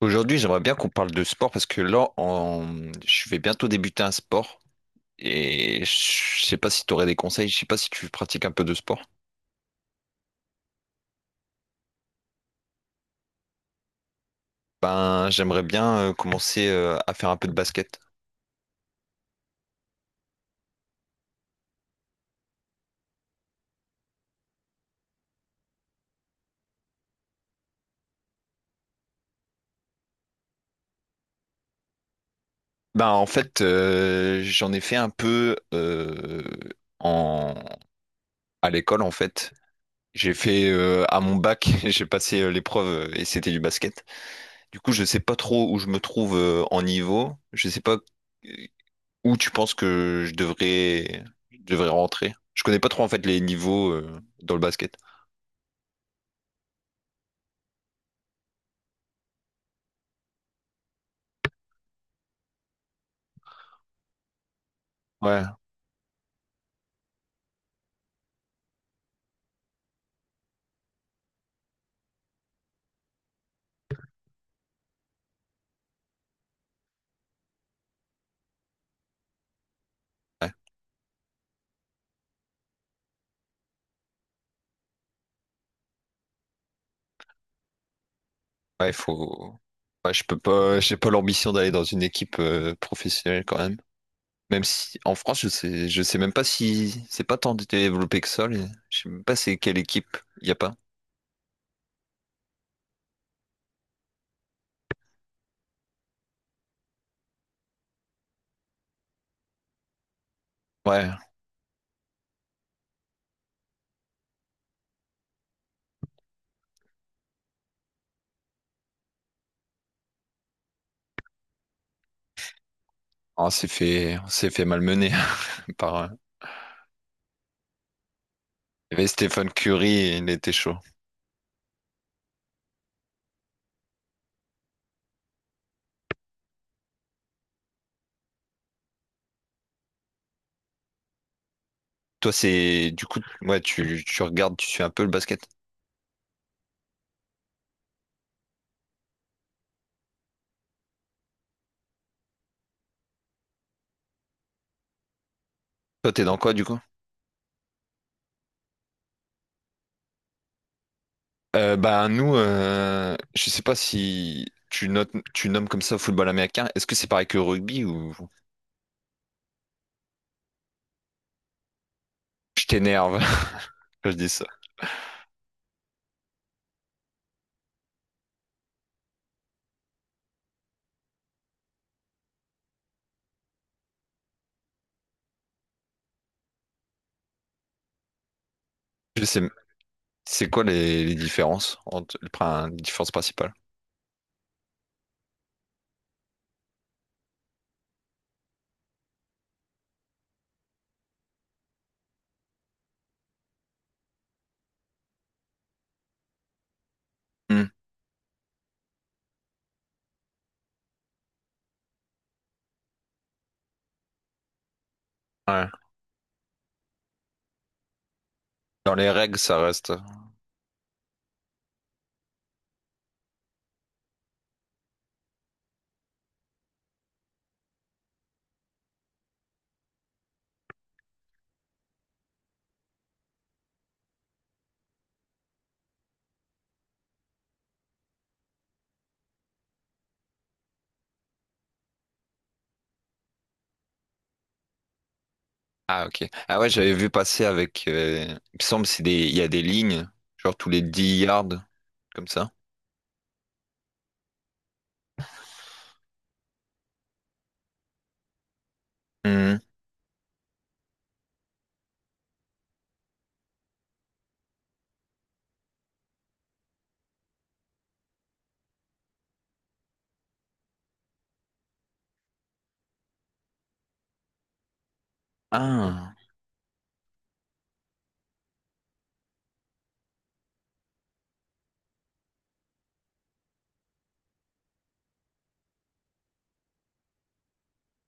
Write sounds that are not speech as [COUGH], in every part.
Aujourd'hui, j'aimerais bien qu'on parle de sport parce que là, je vais bientôt débuter un sport et je sais pas si tu aurais des conseils, je sais pas si tu pratiques un peu de sport. Ben, j'aimerais bien commencer à faire un peu de basket. Ben, en fait, j'en ai fait un peu en... à l'école, en fait. J'ai fait à mon bac, [LAUGHS] j'ai passé l'épreuve et c'était du basket. Du coup, je sais pas trop où je me trouve en niveau. Je sais pas où tu penses que je devrais rentrer? Je connais pas trop en fait les niveaux dans le basket. Ouais, ouais, ouais, il faut. Ouais, je peux pas, j'ai pas l'ambition d'aller dans une équipe professionnelle quand même. Même si en France, je sais même pas si c'est pas tant développé que ça. Je sais même pas c'est quelle équipe. Il y a pas. Ouais. Ah, on s'est fait malmener [LAUGHS] par. Il y avait Stephen Curry, et il était chaud. Toi, c'est du coup, ouais, tu regardes, tu suis un peu le basket. Toi, t'es dans quoi du coup? Bah nous, je sais pas si tu nommes comme ça football américain. Est-ce que c'est pareil que rugby ou je t'énerve [LAUGHS] quand je dis ça? Je sais, c'est quoi les différences entre les différences principales? Hmm, ouais. Dans les règles, ça reste. Ah, ok. Ah ouais, j'avais vu passer avec. Il me semble il y a des lignes, genre tous les 10 yards, comme ça. Hmm. Ah.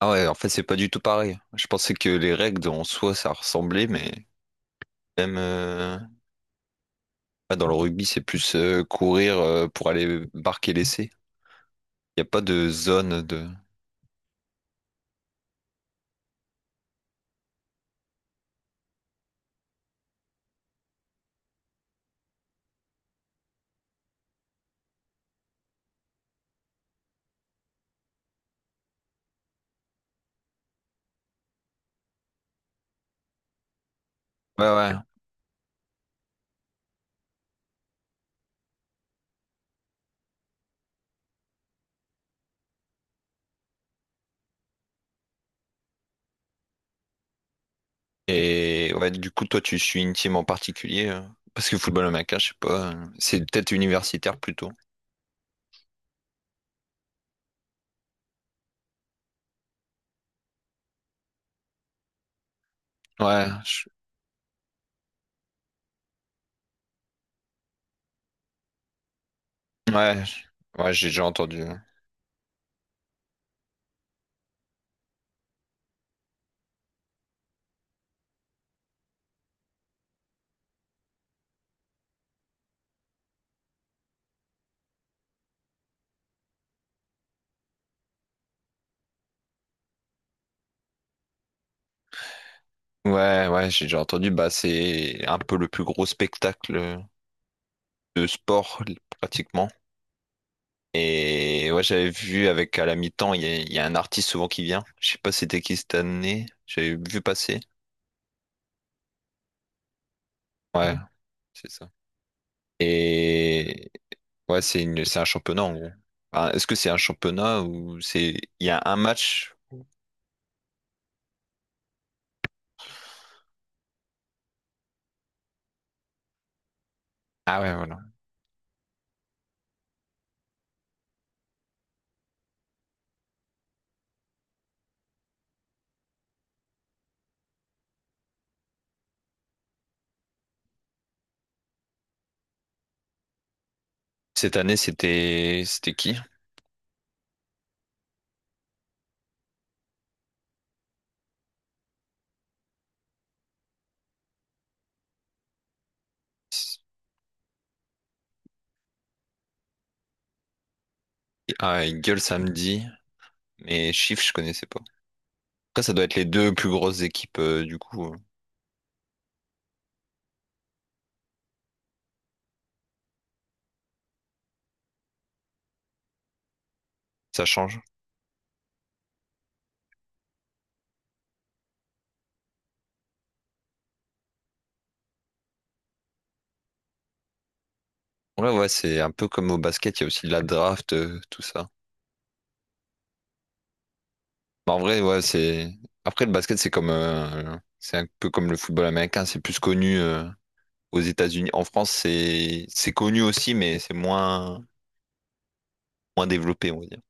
Ah ouais, en fait c'est pas du tout pareil. Je pensais que les règles en soi ça ressemblait, mais même. Ah, dans le rugby, c'est plus courir pour aller marquer l'essai. Il n'y a pas de zone de... Ouais, ouais. Et ouais, du coup, toi, tu suis une team en particulier parce que football américain, je sais pas. C'est peut-être universitaire plutôt. Ouais, je- j'ai déjà entendu. Ouais, ouais, j'ai déjà entendu. Bah, c'est un peu le plus gros spectacle de sport pratiquement. Et ouais, j'avais vu avec à la mi-temps, il y a un artiste souvent qui vient. Je sais pas c'était qui cette année. J'avais vu passer. Ouais, c'est ça. Et ouais, c'est un championnat en gros. Enfin, est-ce que c'est un championnat ou c'est il y a un match? Ah ouais, voilà. Cette année, c'était qui? Ah, il gueule samedi, mais chiffre, je connaissais pas. Après, ça doit être les deux plus grosses équipes Ça change. Ouais, ouais, c'est un peu comme au basket, il y a aussi de la draft, tout ça. Bah, en vrai, ouais, c'est. Après, le basket, c'est comme, c'est un peu comme le football américain, c'est plus connu aux États-Unis. En France, c'est connu aussi, mais c'est moins développé, on va dire.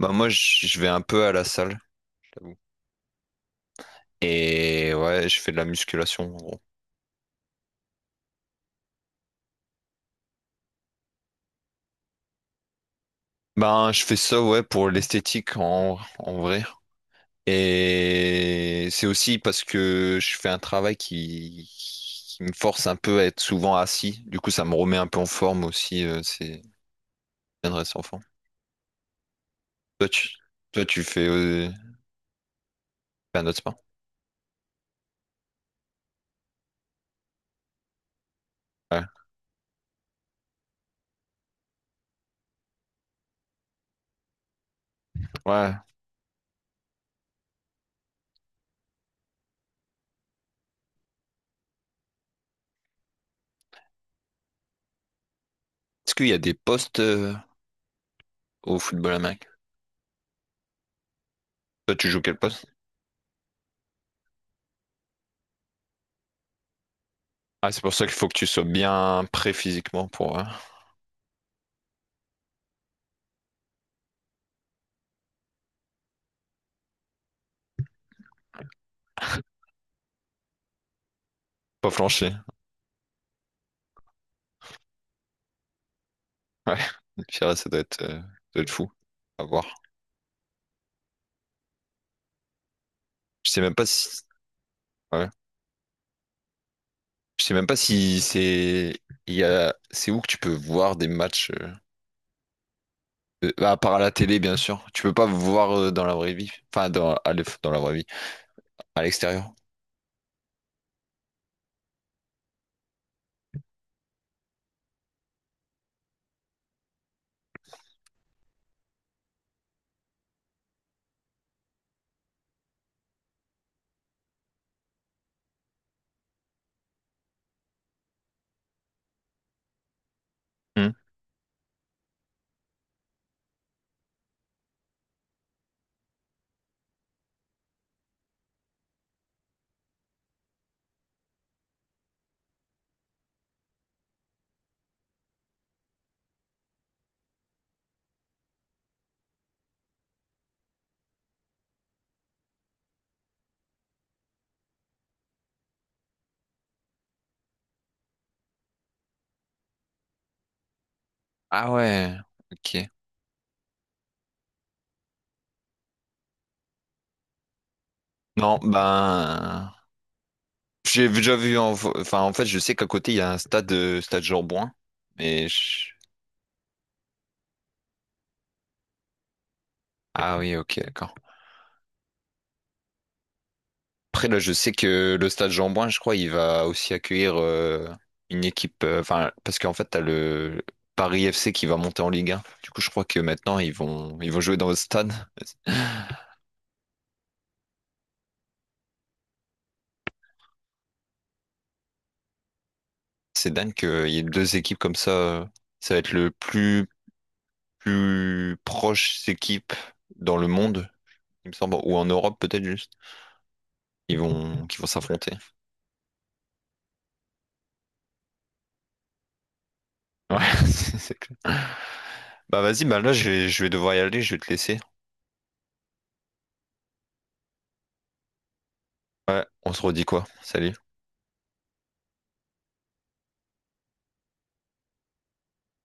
Bah moi, je vais un peu à la salle, j'avoue. Et ouais, je fais de la musculation, en gros. Ben, je fais ça, ouais, pour l'esthétique, en vrai. Et c'est aussi parce que je fais qui me force un peu à être souvent assis. Du coup, ça me remet un peu en forme aussi. C'est bien de rester en forme. Toi, tu, toi, tu fais un autre sport. Ouais. Ouais. Est-ce qu'il y a des postes au football américain? Toi, tu joues quel poste? Ah, c'est pour ça qu'il faut que tu sois bien prêt physiquement pour pas flancher. Ouais. [LAUGHS] Pire, ça doit être fou. À voir. Je sais même pas si. Ouais. Je sais même pas si c'est. Il y a. C'est où que tu peux voir des matchs bah, à part à la télé, bien sûr. Tu peux pas voir dans la vraie vie. Enfin, dans la vraie vie. À l'extérieur. Hmm. Ah ouais. Ok. Non, ben. J'ai déjà vu en... Enfin, en fait, je sais qu'à côté, il y a un stade, stade Jean-Bouin. Mais je- Ah oui, ok, d'accord. Après, là, je sais que le stade Jean-Bouin, je crois, il va aussi accueillir une équipe... Enfin, parce qu'en fait, t'as le Paris FC qui va monter en Ligue 1. Du coup, je crois que maintenant, ils vont jouer dans le stade. C'est dingue qu'il y ait deux équipes comme ça. Ça va être plus proche équipe dans le monde, il me semble, ou en Europe peut-être juste. Qui vont s'affronter. Ouais, [LAUGHS] c'est clair. Bah vas-y, bah là je vais devoir y aller, je vais te laisser. Ouais, on se redit quoi? Salut.